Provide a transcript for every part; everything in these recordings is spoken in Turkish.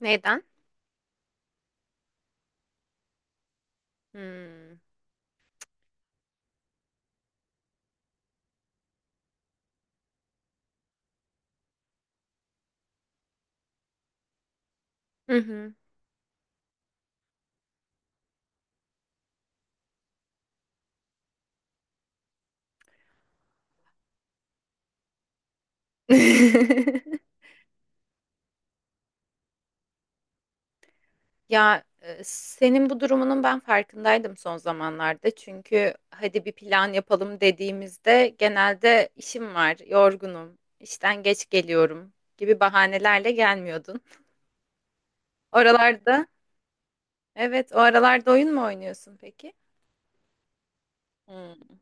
Neden? Hmm. Hı hı. Ya senin bu durumunun ben farkındaydım son zamanlarda. Çünkü hadi bir plan yapalım dediğimizde genelde işim var, yorgunum, işten geç geliyorum gibi bahanelerle gelmiyordun. Oralarda, evet, o aralarda oyun mu oynuyorsun peki? Hmm.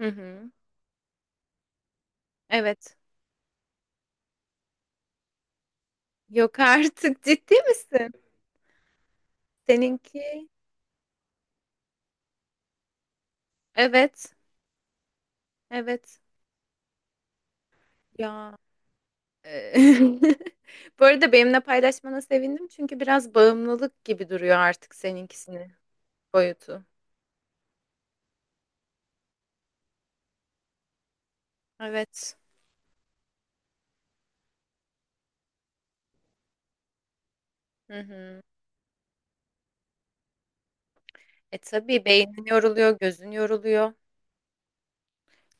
Hı hı. Evet. Yok artık ciddi misin? Seninki? Evet. Evet. Ya. Eee, Bu arada benimle paylaşmana sevindim çünkü biraz bağımlılık gibi duruyor artık seninkisini boyutu. Evet. Hı hı. E tabii beynin yoruluyor, gözün yoruluyor.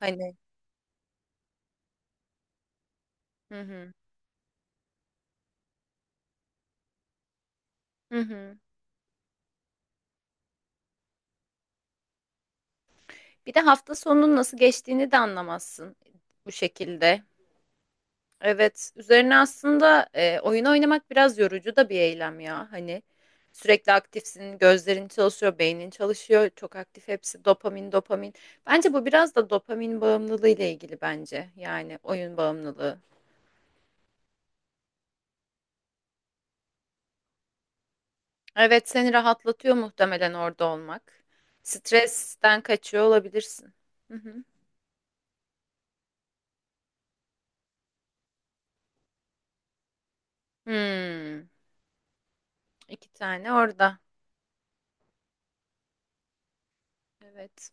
Hani. Hı hı. Hı hı. Bir de hafta sonunun nasıl geçtiğini de anlamazsın bu şekilde. Evet, üzerine aslında oyun oynamak biraz yorucu da bir eylem ya. Hani sürekli aktifsin, gözlerin çalışıyor, beynin çalışıyor, çok aktif hepsi dopamin, dopamin. Bence bu biraz da dopamin bağımlılığı ile ilgili bence. Yani oyun bağımlılığı. Evet, seni rahatlatıyor muhtemelen orada olmak. Stresten kaçıyor olabilirsin. Hı hı. Hmm, iki tane orada. Evet.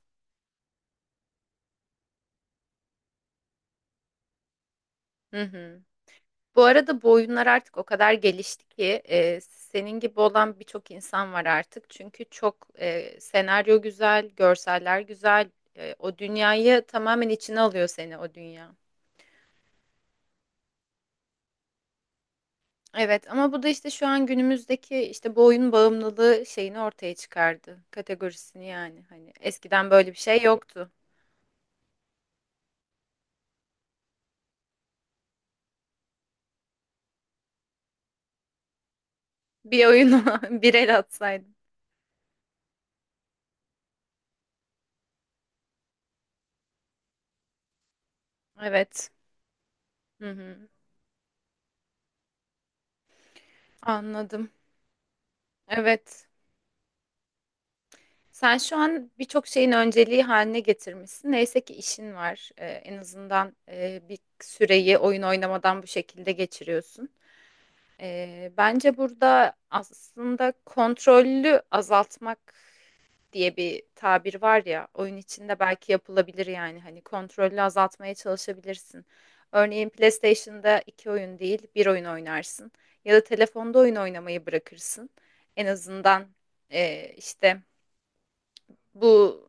Hı hı. Bu arada bu oyunlar artık o kadar gelişti ki senin gibi olan birçok insan var artık. Çünkü çok senaryo güzel, görseller güzel. O dünyayı tamamen içine alıyor seni o dünya. Evet ama bu da işte şu an günümüzdeki işte bu oyun bağımlılığı şeyini ortaya çıkardı. Kategorisini yani. Hani eskiden böyle bir şey yoktu. Bir oyunu bir el atsaydın. Evet. Hı hı. Anladım. Evet. Sen şu an birçok şeyin önceliği haline getirmişsin. Neyse ki işin var. En azından bir süreyi oyun oynamadan bu şekilde geçiriyorsun. Bence burada aslında kontrollü azaltmak diye bir tabir var ya. Oyun içinde belki yapılabilir yani. Hani kontrollü azaltmaya çalışabilirsin. Örneğin PlayStation'da iki oyun değil, bir oyun oynarsın. Ya da telefonda oyun oynamayı bırakırsın. En azından işte bu.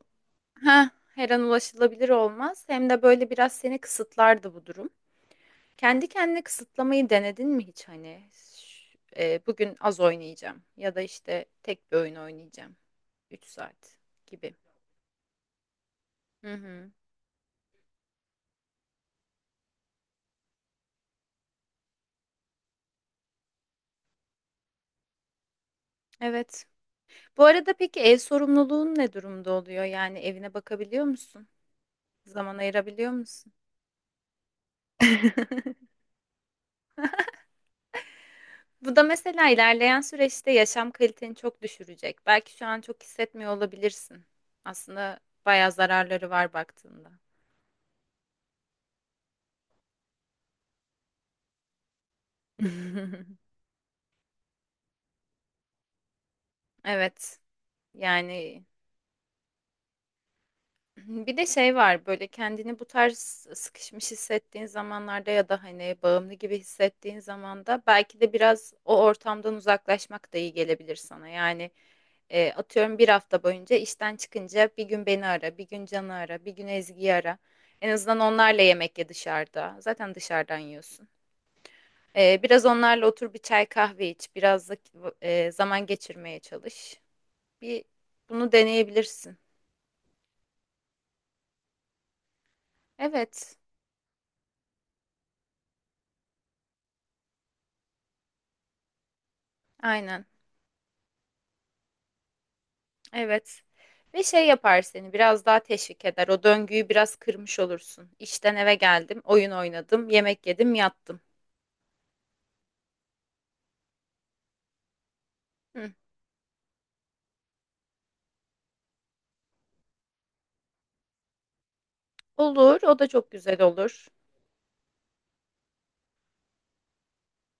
Ha, her an ulaşılabilir olmaz. Hem de böyle biraz seni kısıtlardı bu durum. Kendi kendine kısıtlamayı denedin mi hiç hani? Bugün az oynayacağım ya da işte tek bir oyun oynayacağım. 3 saat gibi. Hı hı. Evet. Bu arada peki ev sorumluluğun ne durumda oluyor? Yani evine bakabiliyor musun? Zaman ayırabiliyor musun? Bu da mesela ilerleyen süreçte yaşam kaliteni çok düşürecek. Belki şu an çok hissetmiyor olabilirsin. Aslında bayağı zararları var baktığında. Evet. Yani, bir de şey var böyle kendini bu tarz sıkışmış hissettiğin zamanlarda ya da hani bağımlı gibi hissettiğin zaman da belki de biraz o ortamdan uzaklaşmak da iyi gelebilir sana. Yani atıyorum bir hafta boyunca işten çıkınca bir gün beni ara, bir gün Can'ı ara, bir gün Ezgi'yi ara. En azından onlarla yemek ye dışarıda. Zaten dışarıdan yiyorsun. E, biraz onlarla otur bir çay kahve iç, biraz da zaman geçirmeye çalış. Bir bunu deneyebilirsin. Evet, aynen. Evet. Ve şey yapar seni biraz daha teşvik eder. O döngüyü biraz kırmış olursun. İşten eve geldim, oyun oynadım, yemek yedim, yattım. Hı. Olur, o da çok güzel olur.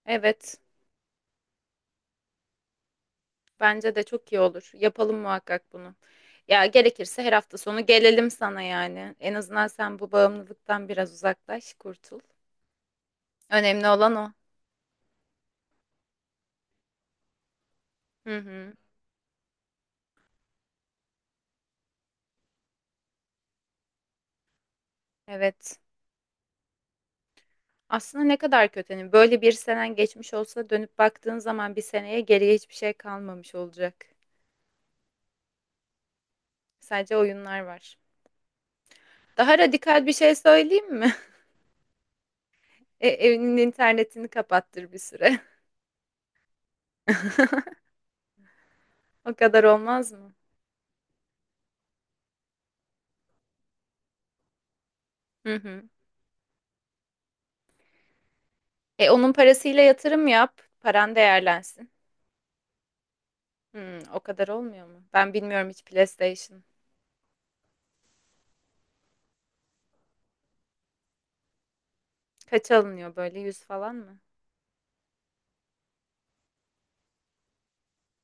Evet, bence de çok iyi olur. Yapalım muhakkak bunu. Ya gerekirse her hafta sonu gelelim sana yani. En azından sen bu bağımlılıktan biraz uzaklaş, kurtul. Önemli olan o. Hı hı. Evet. Aslında ne kadar kötü. Hani böyle bir senen geçmiş olsa dönüp baktığın zaman bir seneye geriye hiçbir şey kalmamış olacak. Sadece oyunlar var. Daha radikal bir şey söyleyeyim mi? E, evinin internetini kapattır bir süre. O kadar olmaz mı? Hı hı. E onun parasıyla yatırım yap. Paran değerlensin. O kadar olmuyor mu? Ben bilmiyorum hiç PlayStation. Kaç alınıyor böyle? Yüz falan mı?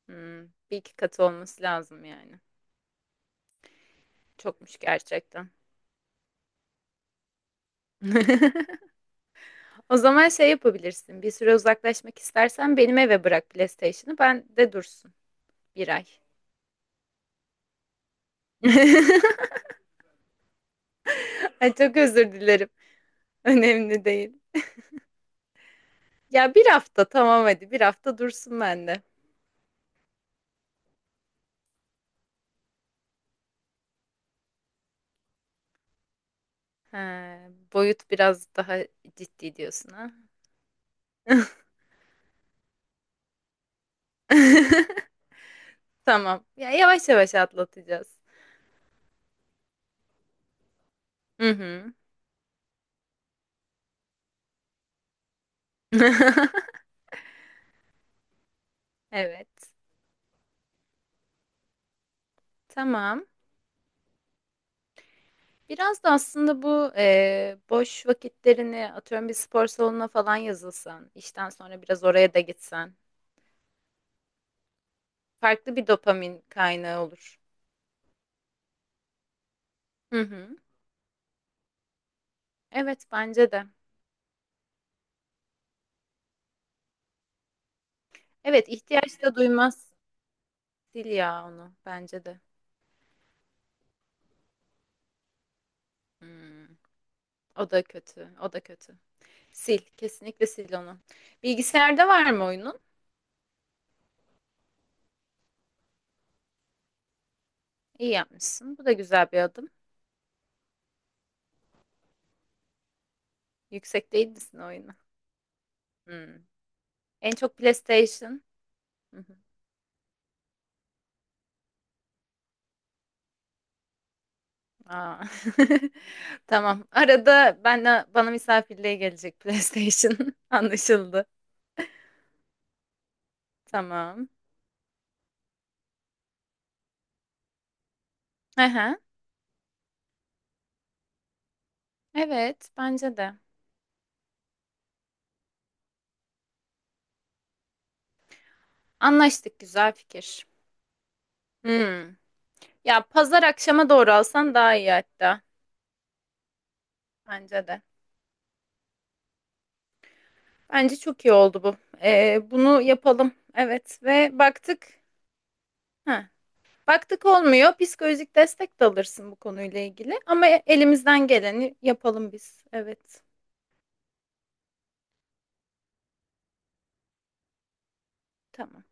Hmm, Bir iki katı olması lazım yani. Çokmuş gerçekten. O zaman şey yapabilirsin. Bir süre uzaklaşmak istersen benim eve bırak PlayStation'ı. Ben de dursun bir ay. Ay çok özür dilerim. Önemli değil. Ya bir hafta tamam hadi bir hafta dursun bende. Ha, boyut biraz daha ciddi diyorsun ha. Tamam. Ya yavaş yavaş atlatacağız. Hı hı. Evet. Tamam. Biraz da aslında bu boş vakitlerini atıyorum bir spor salonuna falan yazılsan, işten sonra biraz oraya da gitsen, farklı bir dopamin kaynağı olur. Hı hı. Evet bence de. Evet ihtiyaç da duymaz. Sil ya onu bence de. Hmm, O da kötü. O da kötü. Sil. Kesinlikle sil onu. Bilgisayarda var mı oyunun? İyi yapmışsın. Bu da güzel bir adım. Yüksek değil misin oyunu? Hmm. En çok PlayStation. Hı hı. Aa. Tamam. Arada ben bana misafirliğe gelecek PlayStation. Anlaşıldı. Tamam. Aha. Evet, bence de. Anlaştık. Güzel fikir. Hmm. Ya pazar akşama doğru alsan daha iyi hatta. Bence de. Bence çok iyi oldu bu. Bunu yapalım. Evet ve baktık. Ha, baktık olmuyor. Psikolojik destek de alırsın bu konuyla ilgili. Ama elimizden geleni yapalım biz. Evet. Tamam.